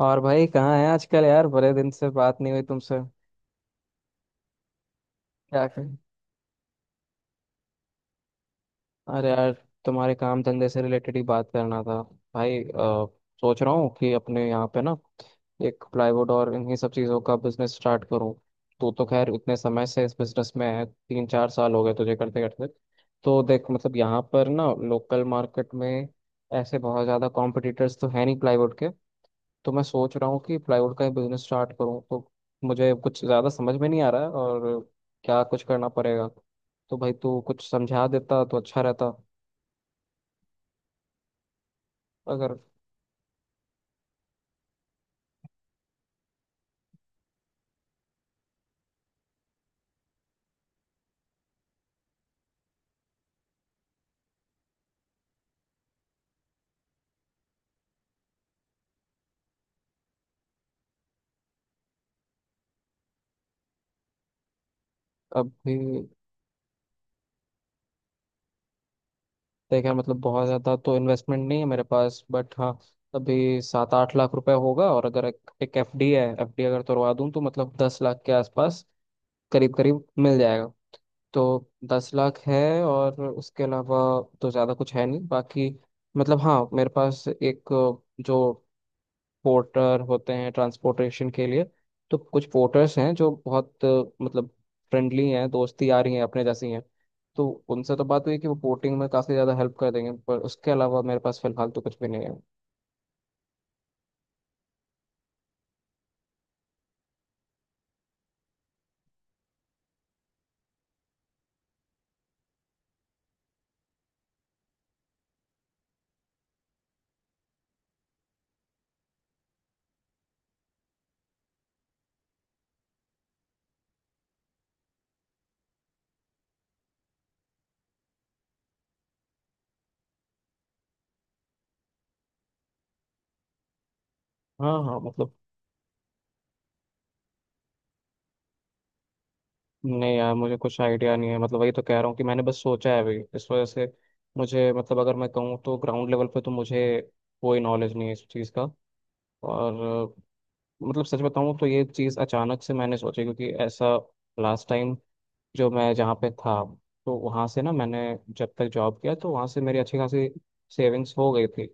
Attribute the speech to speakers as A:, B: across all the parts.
A: और भाई कहाँ है आजकल यार, बड़े दिन से बात नहीं हुई तुमसे। क्या कर अरे यार, तुम्हारे काम धंधे से रिलेटेड ही बात करना था। भाई सोच रहा हूँ कि अपने यहाँ पे ना एक प्लाईवुड और इन्हीं सब चीज़ों का बिजनेस स्टार्ट करूँ। तू तो खैर इतने समय से इस बिजनेस में है, 3-4 साल हो गए तुझे करते करते। तो देख मतलब यहाँ पर ना लोकल मार्केट में ऐसे बहुत ज़्यादा कॉम्पिटिटर्स तो है नहीं प्लाईवुड के। तो मैं सोच रहा हूँ कि प्लाईवुड का ही बिजनेस स्टार्ट करूँ, तो मुझे कुछ ज़्यादा समझ में नहीं आ रहा है, और क्या कुछ करना पड़ेगा। तो भाई तू कुछ समझा देता तो अच्छा रहता, अगर। अभी देखा मतलब बहुत ज़्यादा तो इन्वेस्टमेंट नहीं है मेरे पास, बट हाँ अभी 7-8 लाख रुपए होगा, और अगर एक FD है, FD अगर तोड़वा दूँ तो मतलब 10 लाख के आसपास करीब करीब मिल जाएगा। तो 10 लाख है, और उसके अलावा तो ज़्यादा कुछ है नहीं बाकी। मतलब हाँ मेरे पास एक, जो पोर्टर होते हैं ट्रांसपोर्टेशन के लिए, तो कुछ पोर्टर्स हैं जो बहुत मतलब फ्रेंडली हैं, दोस्ती आ रही हैं अपने जैसी हैं। तो उनसे तो बात हुई कि वो पोर्टिंग में काफ़ी ज़्यादा हेल्प कर देंगे, पर उसके अलावा मेरे पास फिलहाल तो कुछ भी नहीं है। हाँ हाँ, मतलब। नहीं यार, मुझे कुछ आइडिया नहीं है, मतलब वही तो कह रहा हूँ कि मैंने बस सोचा है अभी। इस वजह से मुझे, मतलब अगर मैं कहूँ तो ग्राउंड लेवल पे तो मुझे कोई नॉलेज नहीं है इस चीज़ का। और मतलब सच बताऊं तो ये चीज़ अचानक से मैंने सोची, क्योंकि ऐसा लास्ट टाइम जो मैं जहाँ पे था, तो वहाँ से ना मैंने जब तक जॉब किया तो वहाँ से मेरी अच्छी खासी सेविंग्स हो गई थी।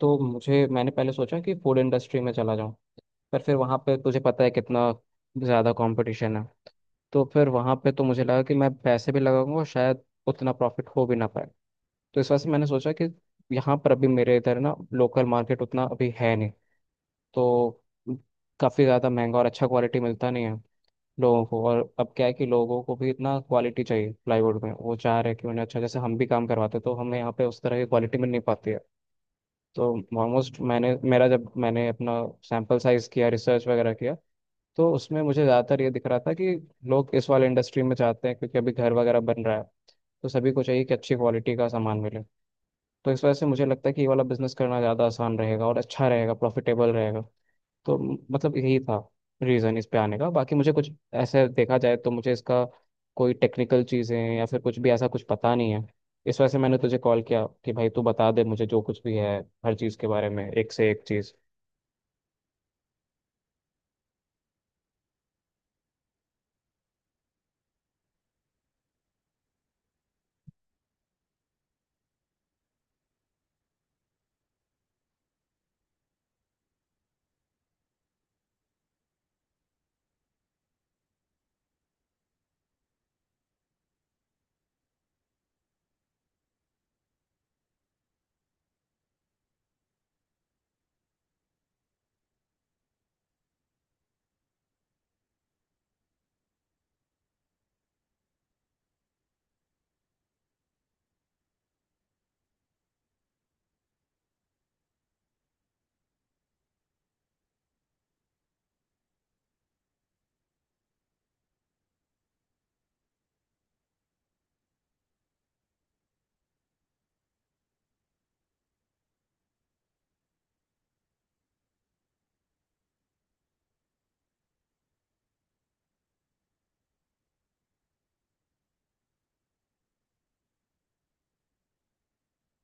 A: तो मुझे मैंने पहले सोचा कि फूड इंडस्ट्री में चला जाऊँ, पर फिर वहाँ पे तुझे पता है कितना ज़्यादा कंपटीशन है। तो फिर वहाँ पे तो मुझे लगा कि मैं पैसे भी लगाऊंगा और शायद उतना प्रॉफिट हो भी ना पाए। तो इस वजह से मैंने सोचा कि यहाँ पर अभी मेरे इधर ना लोकल मार्केट उतना अभी है नहीं, तो काफ़ी ज़्यादा महंगा और अच्छा क्वालिटी मिलता नहीं है लोगों को। और अब क्या है कि लोगों को भी इतना क्वालिटी चाहिए प्लाईवुड में, वो चाह रहे हैं कि उन्हें अच्छा, जैसे हम भी काम करवाते हैं, तो हमें यहाँ पे उस तरह की क्वालिटी मिल नहीं पाती है। तो ऑलमोस्ट मैंने, मेरा जब मैंने अपना सैंपल साइज किया रिसर्च वगैरह किया, तो उसमें मुझे ज़्यादातर ये दिख रहा था कि लोग इस वाले इंडस्ट्री में चाहते हैं, क्योंकि अभी घर वगैरह बन रहा है। तो सभी को चाहिए कि अच्छी क्वालिटी का सामान मिले। तो इस वजह से मुझे लगता है कि ये वाला बिजनेस करना ज़्यादा आसान रहेगा और अच्छा रहेगा, प्रॉफिटेबल रहेगा। तो मतलब यही था रीज़न इस पे आने का, बाकी मुझे कुछ ऐसे देखा जाए तो मुझे इसका कोई टेक्निकल चीज़ें या फिर कुछ भी ऐसा कुछ पता नहीं है। इस वजह से मैंने तुझे कॉल किया कि भाई तू बता दे मुझे, जो कुछ भी है हर चीज़ के बारे में एक से एक चीज़।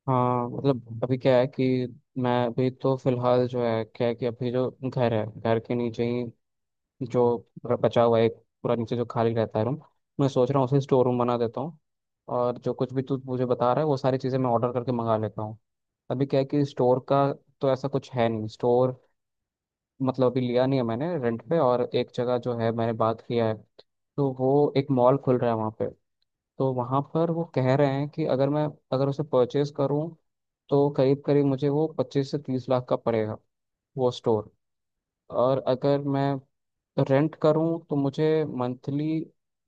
A: हाँ मतलब अभी क्या है कि, मैं अभी तो फिलहाल जो है, क्या है कि अभी जो घर है, घर के नीचे ही जो पूरा बचा हुआ है, पूरा नीचे जो खाली रहता है रूम, मैं सोच रहा हूँ उसे स्टोर रूम बना देता हूँ। और जो कुछ भी तू मुझे बता रहा है वो सारी चीज़ें मैं ऑर्डर करके मंगा लेता हूँ। अभी क्या है कि स्टोर का तो ऐसा कुछ है नहीं स्टोर, मतलब अभी लिया नहीं है मैंने रेंट पे। और एक जगह जो है मैंने बात किया है, तो वो एक मॉल खुल रहा है वहाँ पे, तो वहाँ पर वो कह रहे हैं कि अगर मैं, अगर उसे परचेज करूँ तो करीब करीब मुझे वो 25 से 30 लाख का पड़ेगा वो स्टोर। और अगर मैं रेंट करूं तो मुझे मंथली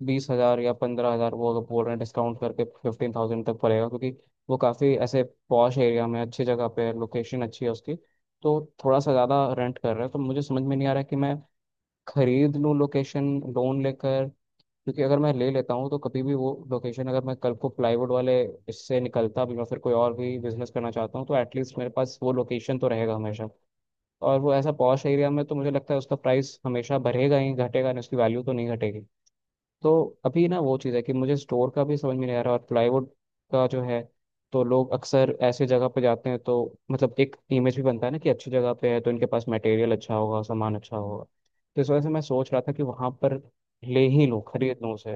A: 20 हजार या 15 हजार, वो अगर बोल रहे हैं डिस्काउंट करके 15 थाउजेंड तक पड़ेगा, क्योंकि वो काफ़ी ऐसे पॉश एरिया में अच्छी जगह पे है, लोकेशन अच्छी है उसकी। तो थोड़ा सा ज़्यादा रेंट कर रहा है, तो मुझे समझ में नहीं आ रहा है कि मैं खरीद लूँ लोकेशन लोन लेकर। क्योंकि अगर मैं ले लेता हूँ तो कभी भी वो लोकेशन, अगर मैं कल को प्लाईवुड वाले इससे निकलता भी, मैं फिर कोई और भी बिजनेस करना चाहता हूँ तो एटलीस्ट मेरे पास वो लोकेशन तो रहेगा हमेशा। और वो ऐसा पॉश एरिया में, तो मुझे लगता है उसका प्राइस हमेशा बढ़ेगा ही, घटेगा नहीं, उसकी वैल्यू तो नहीं घटेगी। तो अभी ना वो चीज़ है कि मुझे स्टोर का भी समझ में नहीं आ रहा, और प्लाईवुड का जो है, तो लोग अक्सर ऐसे जगह पे जाते हैं, तो मतलब एक इमेज भी बनता है ना कि अच्छी जगह पे है तो इनके पास मटेरियल अच्छा होगा, सामान अच्छा होगा। तो इस वजह से मैं सोच रहा था कि वहाँ पर ले ही लूँ, खरीद लूँ उसे।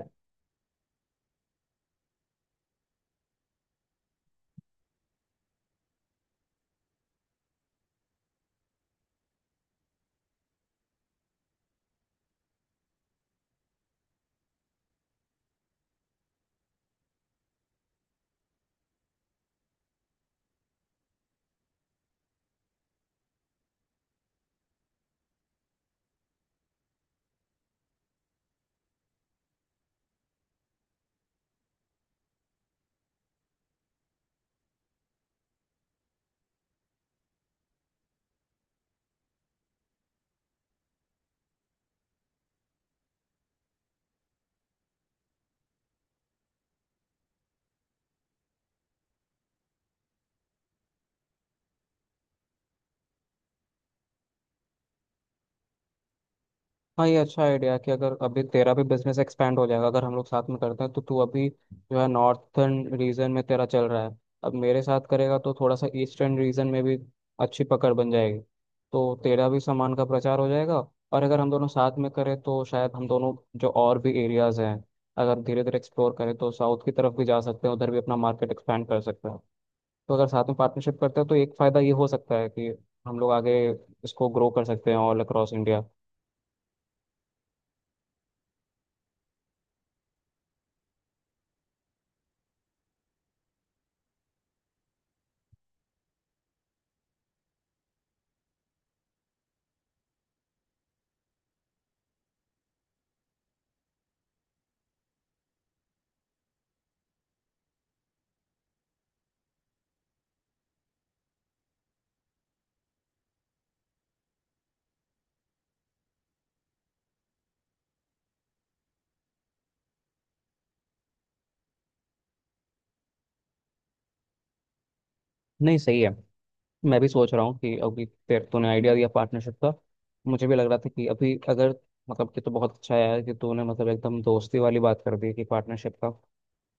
A: हाँ, ये अच्छा आइडिया है कि, अगर अभी तेरा भी बिजनेस एक्सपेंड हो जाएगा अगर हम लोग साथ में करते हैं, तो तू अभी जो है नॉर्थर्न रीजन में तेरा चल रहा है, अब मेरे साथ करेगा तो थोड़ा सा ईस्टर्न रीजन में भी अच्छी पकड़ बन जाएगी। तो तेरा भी सामान का प्रचार हो जाएगा। और अगर हम दोनों साथ में करें तो शायद हम दोनों जो और भी एरियाज हैं, अगर धीरे धीरे एक्सप्लोर करें तो साउथ की तरफ भी जा सकते हैं, उधर भी अपना मार्केट एक्सपेंड कर सकते हैं। तो अगर साथ में पार्टनरशिप करते हैं तो एक फ़ायदा ये हो सकता है कि हम लोग आगे इसको ग्रो कर सकते हैं ऑल अक्रॉस इंडिया। नहीं, सही है, मैं भी सोच रहा हूँ कि, अभी तेरे, तूने आइडिया दिया पार्टनरशिप का, मुझे भी लग रहा था कि अभी अगर, मतलब कि, तो बहुत अच्छा है यार कि तूने मतलब एकदम दोस्ती वाली बात कर दी कि पार्टनरशिप का।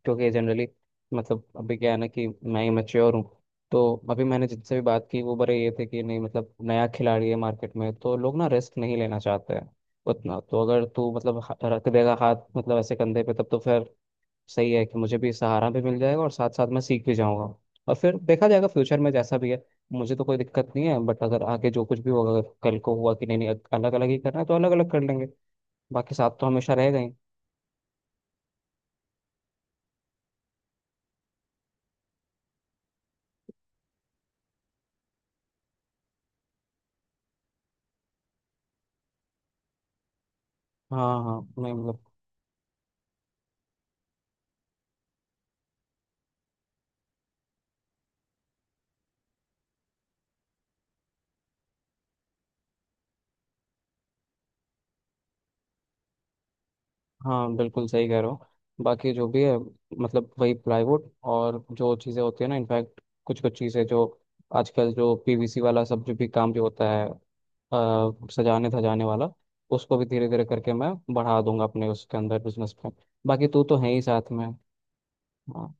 A: क्योंकि जनरली मतलब अभी क्या है ना कि मैं ही मैच्योर हूँ, तो अभी मैंने जिनसे भी बात की वो बड़े ये थे कि नहीं मतलब नया खिलाड़ी है मार्केट में, तो लोग ना रिस्क नहीं लेना चाहते हैं उतना। तो अगर तू मतलब रख देगा हाथ मतलब ऐसे कंधे पे, तब तो फिर सही है कि मुझे भी सहारा भी मिल जाएगा और साथ साथ मैं सीख भी जाऊंगा। और फिर देखा जाएगा फ्यूचर में जैसा भी है, मुझे तो कोई दिक्कत नहीं है, बट अगर आगे जो कुछ भी होगा, अगर कल को हुआ कि नहीं नहीं अलग अलग ही करना है तो अलग अलग कर लेंगे। बाकी साथ तो हमेशा रहेगा ही। हाँ हाँ, नहीं मतलब। हाँ, बिल्कुल सही कह रहे हो। बाकी जो भी है मतलब वही, प्लाईवुड और जो चीज़ें होती है ना, इनफैक्ट कुछ कुछ चीज़ें जो आजकल, जो पीवीसी वाला सब जो भी काम जो होता है सजाने धजाने वाला, उसको भी धीरे धीरे करके मैं बढ़ा दूंगा अपने उसके अंदर बिजनेस में। बाकी तू तो है ही साथ में। हाँ।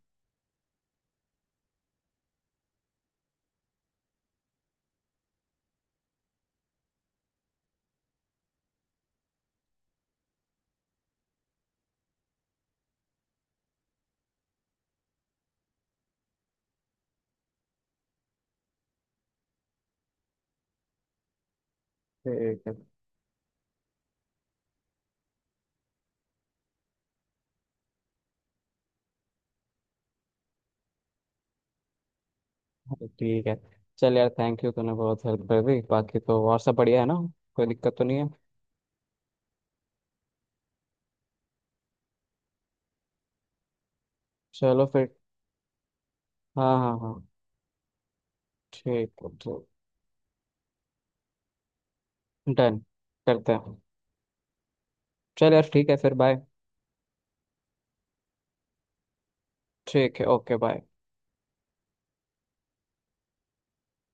A: ठीक है। हाँ, ठीक है। चल यार, थैंक यू, तूने बहुत हेल्प कर दी। बाकी तो और सब बढ़िया है ना, कोई दिक्कत तो नहीं है? चलो फिर। हाँ हाँ हाँ। ठीक है, ठीक। डन, करते हैं। चल यार ठीक है फिर, बाय। ठीक है, ओके बाय।